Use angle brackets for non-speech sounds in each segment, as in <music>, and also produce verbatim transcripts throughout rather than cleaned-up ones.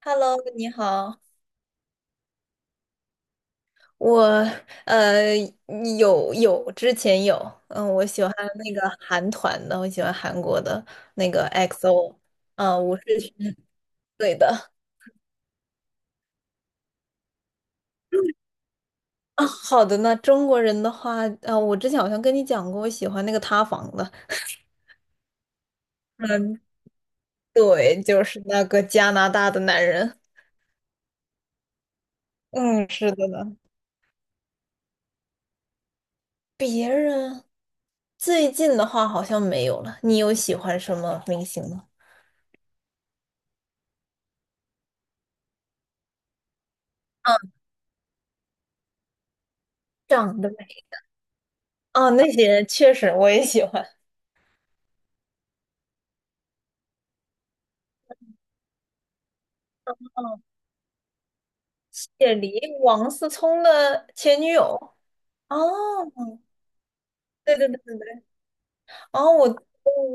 Hello，你好，我呃有有之前有，嗯，我喜欢那个韩团的，我喜欢韩国的那个 X O，呃，我是对的啊。好的呢，中国人的话，呃，我之前好像跟你讲过，我喜欢那个塌房的，嗯，对，就是那个加拿大的男人，嗯，是的呢。别人最近的话好像没有了，你有喜欢什么明星吗？长得美哦，那些人确实我也喜欢。解离王思聪的前女友。哦，对对对对对，哦，我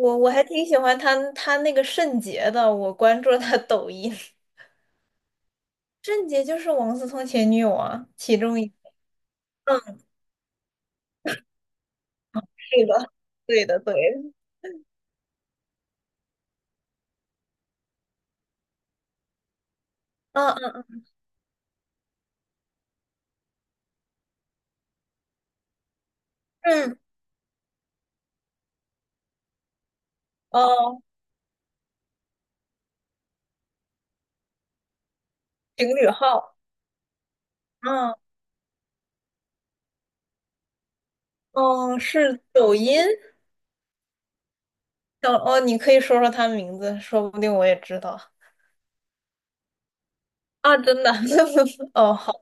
我我还挺喜欢他他那个圣洁的，我关注了他抖音。<laughs> 圣洁就是王思聪前女友啊，其中一个，嗯，是的，对的对的，嗯嗯嗯，哦，情侣号，嗯哦，是抖音，哦哦，你可以说说他名字，说不定我也知道啊，真的，<laughs> 哦好，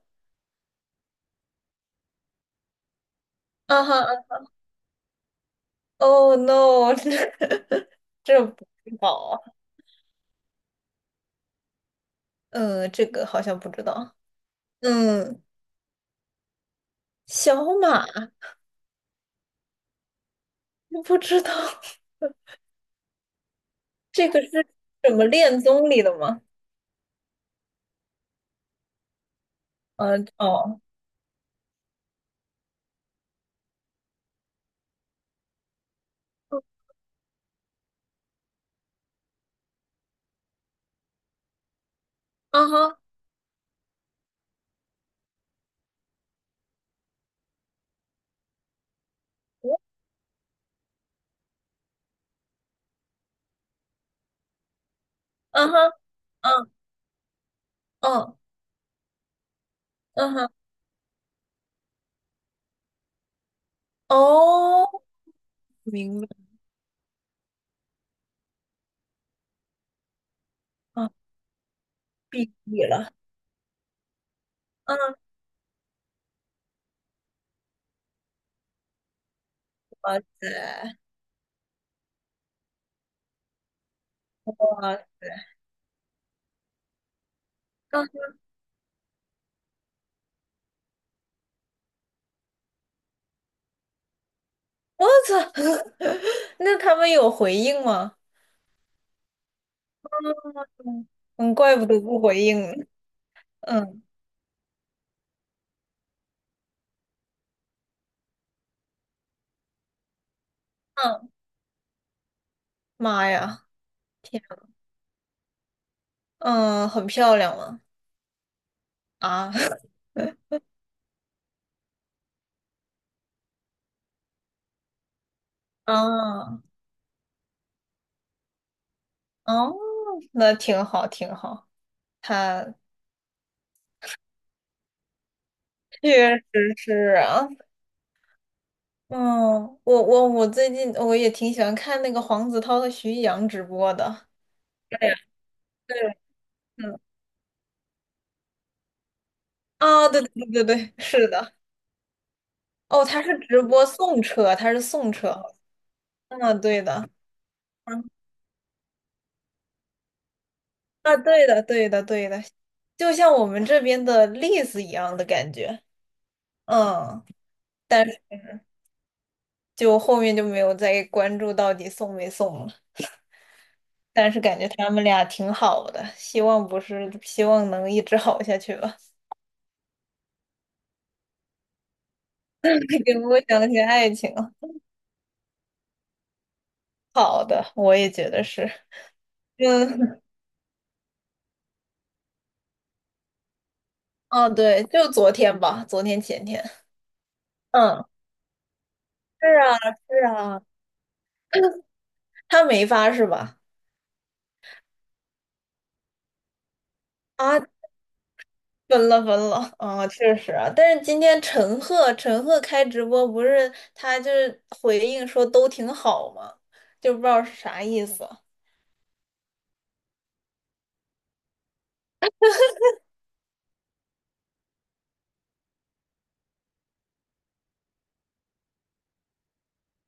啊哈。Oh no，<laughs> 这这不知道啊嗯，这个好像不知道。嗯，小马不知道 <laughs> 这个是什么恋综里的吗？嗯，哦，啊哈，啊哈，嗯嗯哦嗯哈，哦，明白啊，毕业了。嗯，哇塞，哇塞，嗯，我操，<laughs> 那他们有回应吗？嗯嗯，怪不得不回应呢嗯嗯，妈呀！天！嗯，很漂亮吗？啊，<laughs> 啊，哦，那挺好，挺好。他确实是啊，嗯，我我我最近我也挺喜欢看那个黄子韬和徐艺洋直播的。对呀，对，嗯，啊，对对对对对，是的。哦，他是直播送车，他是送车。嗯，对的，嗯，啊，对的，对的，对的，就像我们这边的例子一样的感觉。嗯。但就后面就没有再关注到底送没送了。但是感觉他们俩挺好的，希望不是，希望能一直好下去吧。<laughs> 给我想起爱情了，好的，我也觉得是。嗯，哦，对，就昨天吧，昨天前天。嗯，是啊，是啊，<coughs> 他没发是吧？啊，分了分了啊，确实啊。但是今天陈赫，陈赫开直播不是他就是回应说都挺好嘛，就不知道是啥意思。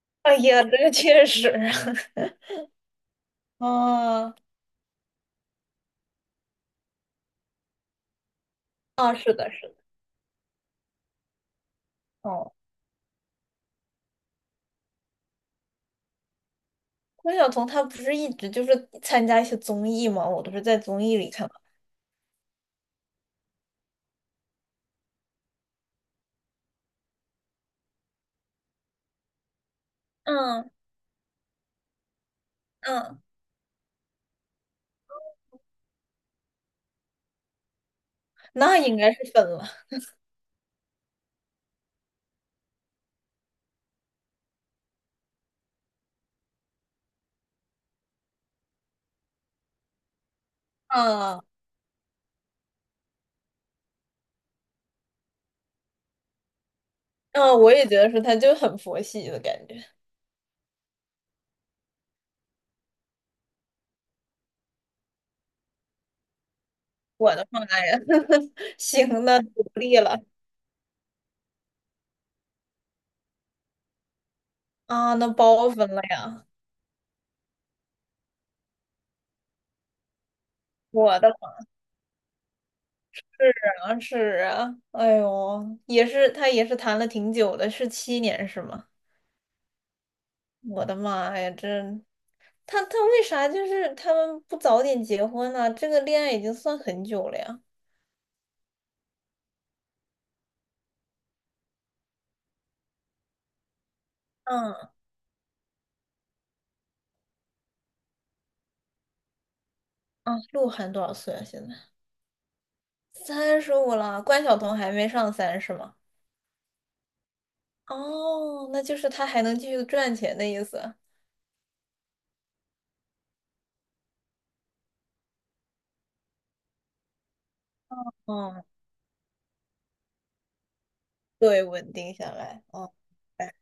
<laughs> 哎呀，这个确实，<laughs> 啊啊，是的，是的，哦，关晓彤她不是一直就是参加一些综艺吗？我都是在综艺里看到。嗯嗯，那应该是分了。嗯嗯，我也觉得是，她就很佛系的感觉。我的妈呀，<laughs> 行，那独立了啊，那包分了呀。我的好像是啊，哎呦，也是，她也是谈了挺久的，是七年是吗？我的妈呀，这他他为啥就是他们不早点结婚呢、这个恋爱已经算很久了呀。嗯嗯，鹿晗多少岁啊？现在三十五了，关晓彤还没上三是吗？哦，那就是他还能继续赚钱的意思。嗯，对，稳定下来。哦，哎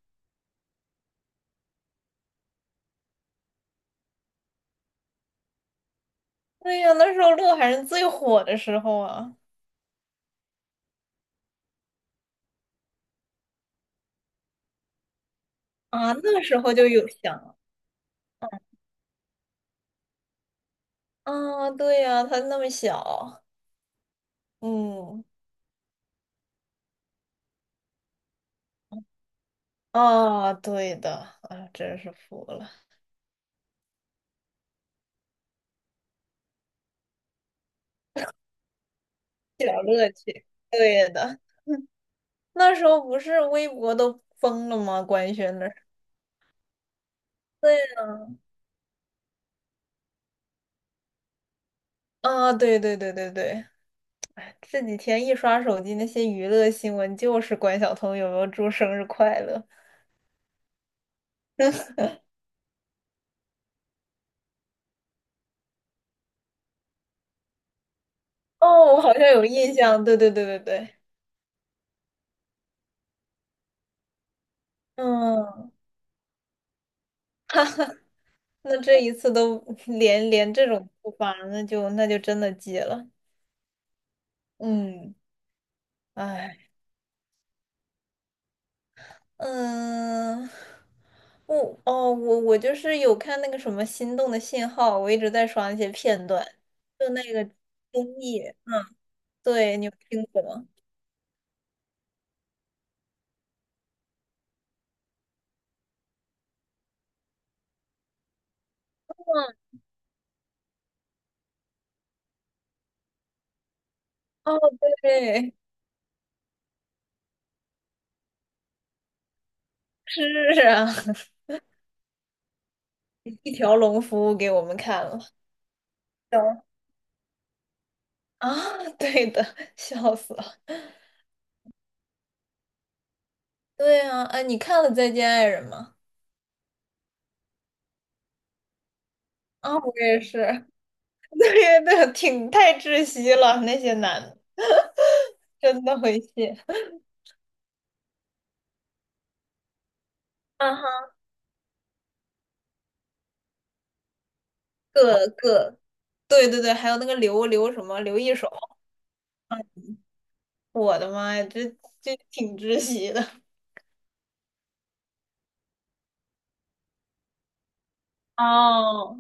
对呀，那时候鹿晗是最火的时候啊啊，那时候就有想了啊，对呀，他那么小，嗯，啊，对的，啊，真是服了。小乐趣。对的，<laughs> 那时候不是微博都封了吗？官宣的时候对啊，对对对对对，这几天一刷手机，那些娱乐新闻就是关晓彤有没有祝生日快乐。哦，我好像有印象。对对对对对，嗯，那这一次都 <laughs> 连连这种不发，那就那就真的戒了。嗯，哎。嗯，我哦，我我就是有看那个什么《心动的信号》，我一直在刷那些片段，就那个综艺，对，你有听过吗？哦，对，<laughs> 是啊，<laughs> 一条龙服务给我们看了。有啊，<laughs> 对的，笑死了。对啊，哎，你看了《再见爱人》吗？啊，我也是，<laughs> 对对，挺太窒息了，那些男的真的会谢。啊哈，各个。对对对，还有那个刘刘什么刘一手，我的妈呀，这这挺窒息的。哦，